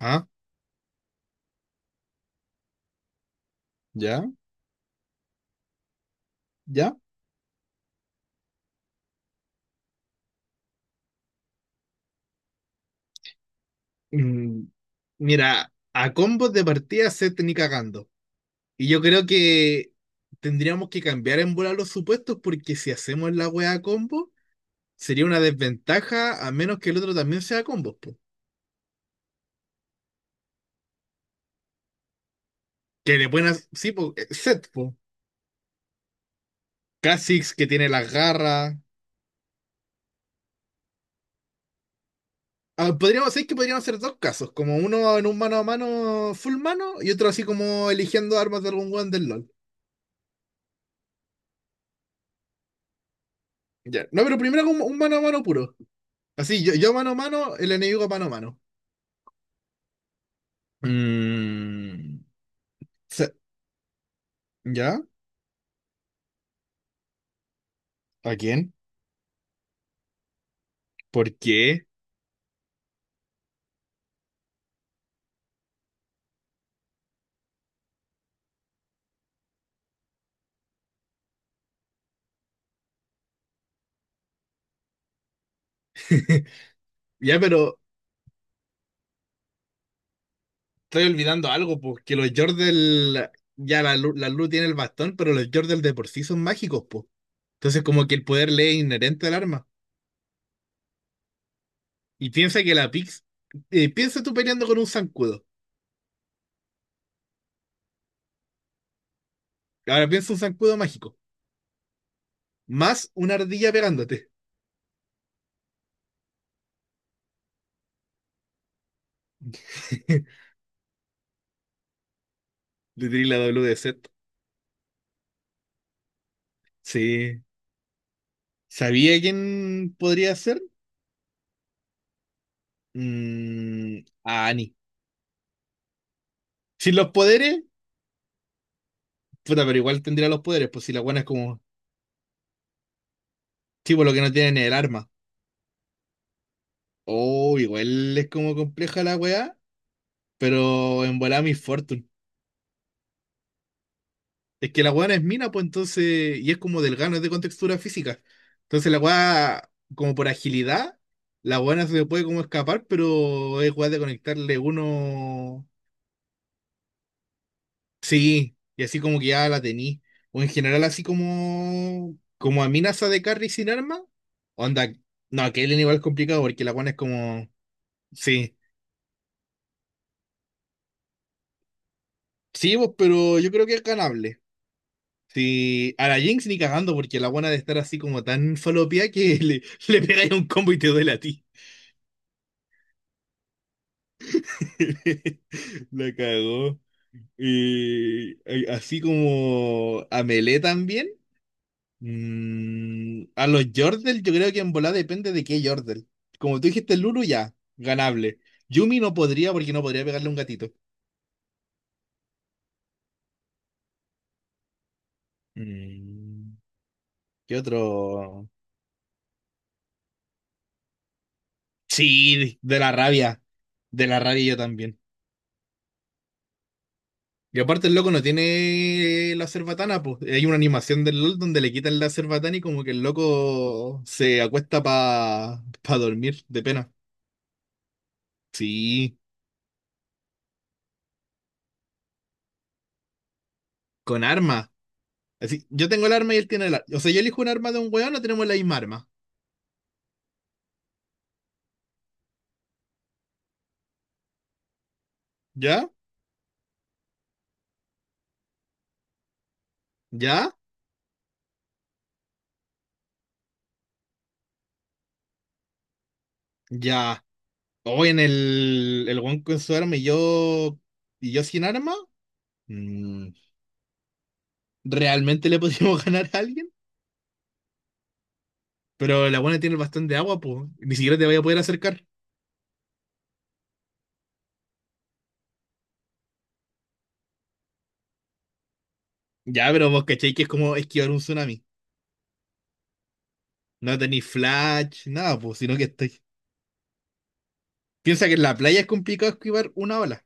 Ah, ya, ya. Mm, mira, a combos de partida se te ni cagando. Y yo creo que tendríamos que cambiar en bola los supuestos porque si hacemos la wea a combo, sería una desventaja a menos que el otro también sea combos, po. Que le pueden hacer, sí, po, set, po. Kha'Zix que tiene las garras. Ah, podríamos decir que podríamos hacer dos casos, como uno en un mano a mano full mano y otro así como eligiendo armas de algún weón del LOL. Ya. No, pero primero un mano a mano puro. Así, yo mano a mano, el enemigo mano a mano. Mm, se- ¿ya? ¿A quién? ¿Por qué? Ya, pero estoy olvidando algo, pues, que los Yordle, ya la, la luz tiene el bastón, pero los Yordle de por sí son mágicos, pues. Entonces, como que el poder le es inherente al arma. Y piensa que la Pix, piensa tú peleando con un zancudo. Ahora piensa un zancudo mágico, más una ardilla pegándote. Le tiré la W de set. Sí. ¿Sabía quién podría ser? Mm, a Annie. Sin los poderes, puta, pero igual tendría los poderes, pues si la buena es como, tipo, lo que no tienen es el arma. Oh, igual es como compleja la weá, pero en volada Miss Fortune. Es que la buena es mina, pues entonces, y es como delgada, no es de contextura física. Entonces la weá, como por agilidad, la buena se puede como escapar, pero es weá de conectarle uno. Sí, y así como que ya la tení. O en general así como como amenaza de carry sin arma. Onda, no, que el igual es complicado porque la buena es como sí. Sí, pues, pero yo creo que es ganable. Sí, a la Jinx ni cagando porque la buena de estar así como tan falopia que le pegáis un combo y te duele a ti. La cagó. Y así como a Melee también. A los Yordle, yo creo que en volada depende de qué Yordle. Como tú dijiste, Lulu ya, ganable. Yumi no podría porque no podría pegarle a un gatito. Mm, ¿qué otro? Sí, de la rabia. De la rabia yo también. Y aparte el loco no tiene la cerbatana, pues. Hay una animación del LOL donde le quitan la cerbatana y como que el loco se acuesta para pa pa dormir de pena. Sí, con arma. Así, yo tengo el arma y él tiene el arma. O sea, yo elijo un arma de un weón, no tenemos la misma arma. ¿Ya? ¿Ya? ¿Ya? Hoy en el weón con su arma y y yo sin arma, mm, ¿realmente le podríamos ganar a alguien? Pero la buena tiene bastante agua, pues. Ni siquiera te vaya a poder acercar. Ya, pero vos cachai que es como esquivar un tsunami. No tenéis flash, nada, pues, sino que estoy. Piensa que en la playa es complicado esquivar una ola.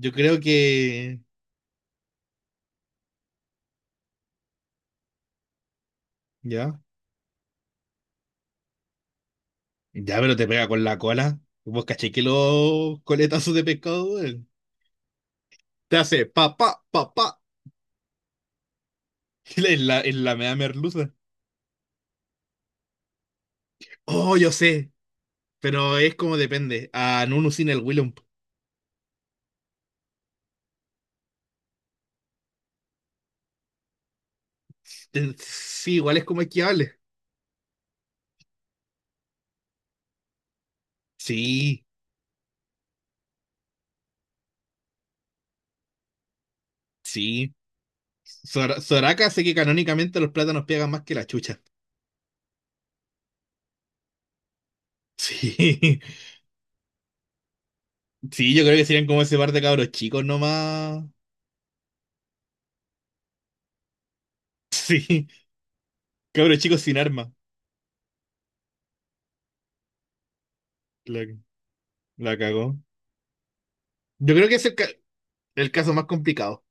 Yo creo que. Ya. Ya, pero te pega con la cola. Vos cachai que los coletazos de pescado, duelen. Te hace pa, pa, pa, pa. En en la mea merluza. Oh, yo sé, pero es como depende. A Nunu sin el Willump. Sí, igual es como esquiable. Sí, sí. Soraka sé que canónicamente los plátanos pegan más que la chucha. Sí, sí, yo creo que serían como ese par de cabros chicos nomás. Sí, cabros chicos sin arma. La, la cagó. Yo creo que es el caso más complicado.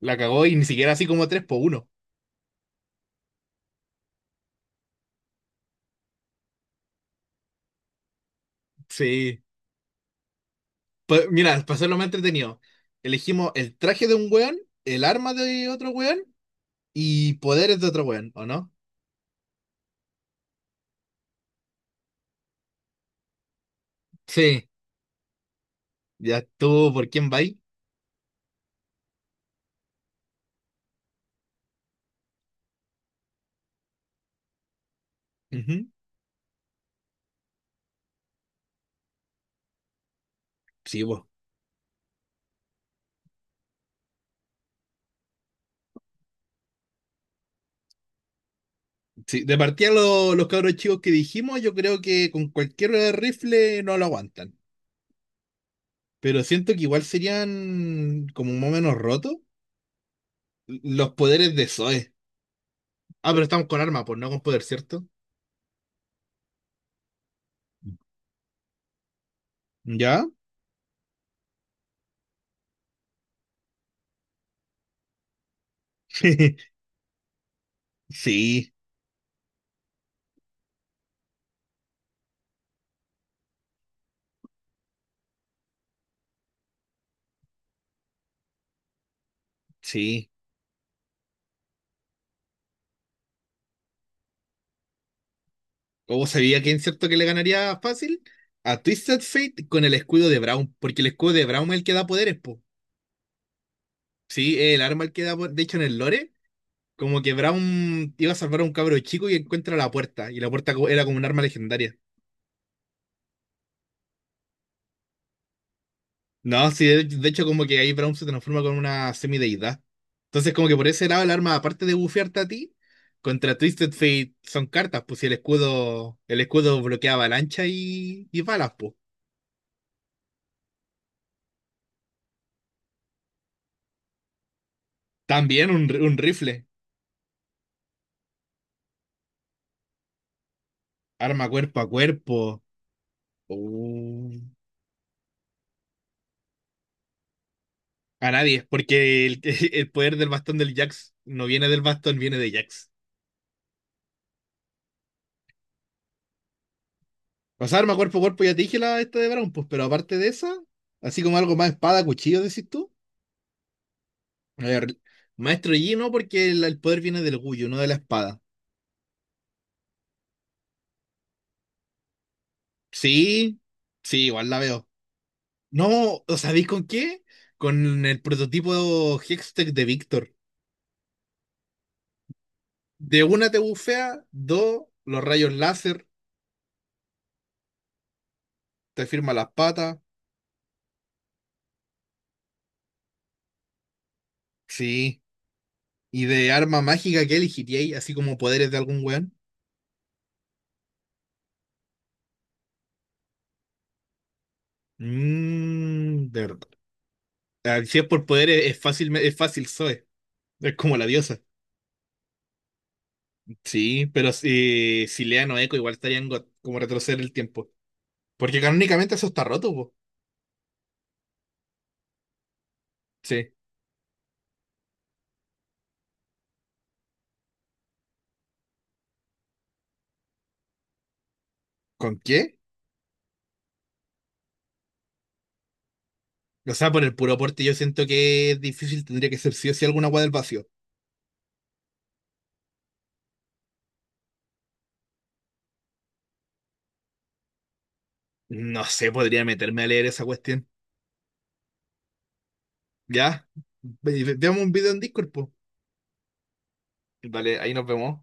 La cagó y ni siquiera así como 3 por uno. Sí. Pa- mira, para hacerlo más entretenido, elegimos el traje de un weón, el arma de otro weón y poderes de otro weón, ¿o no? Sí. Ya estuvo por quién va ahí. Ujú. Sí, vos. Sí, de partida los cabros chicos que dijimos, yo creo que con cualquier rifle no lo aguantan. Pero siento que igual serían como más o menos rotos los poderes de Zoe. Ah, pero estamos con arma, pues no con poder, ¿cierto? ¿Ya? Sí, sí. ¿Cómo sabía quién cierto que le ganaría fácil? A Twisted Fate con el escudo de Brown, porque el escudo de Brown es el que da poderes, po. Sí, es el arma el que da poderes. De hecho, en el lore, como que Brown iba a salvar a un cabro chico y encuentra la puerta, y la puerta era como un arma legendaria. No, sí, de hecho, como que ahí Brown se transforma con una semideidad. Entonces, como que por ese lado, el arma, aparte de bufearte a ti, contra Twisted Fate son cartas, pues si el escudo, el escudo bloquea avalancha y balas, pues. También un rifle. Arma cuerpo a cuerpo. Uh, A nadie, porque el, el poder del bastón del Jax no viene del bastón, viene de Jax. O sea, arma cuerpo a cuerpo, ya te dije la esta de Brown, pues, pero aparte de esa, así como algo más espada, cuchillo, decís tú. A ver, Maestro Yi no, porque el poder viene del orgullo, no de la espada. Sí, sí, igual la veo. No, ¿o sabéis con qué? Con el prototipo Hextech de Víctor. De una te bufea, dos, los rayos láser, te firma las patas. Sí. ¿Y de arma mágica qué elegiríais? Así como poderes de algún weón. Mmm, de verdad. Ah, si es por poderes, es fácil, Zoe. Es como la diosa. Sí, pero si, si Leano Echo igual estaría en God, como retroceder el tiempo. Porque canónicamente eso está roto, po. Sí. ¿Con qué? O sea, por el puro aporte yo siento que es difícil, tendría que ser sí o sí alguna agua del vacío. No sé, podría meterme a leer esa cuestión. Ya. Veamos un video en Discord, po. Vale, ahí nos vemos.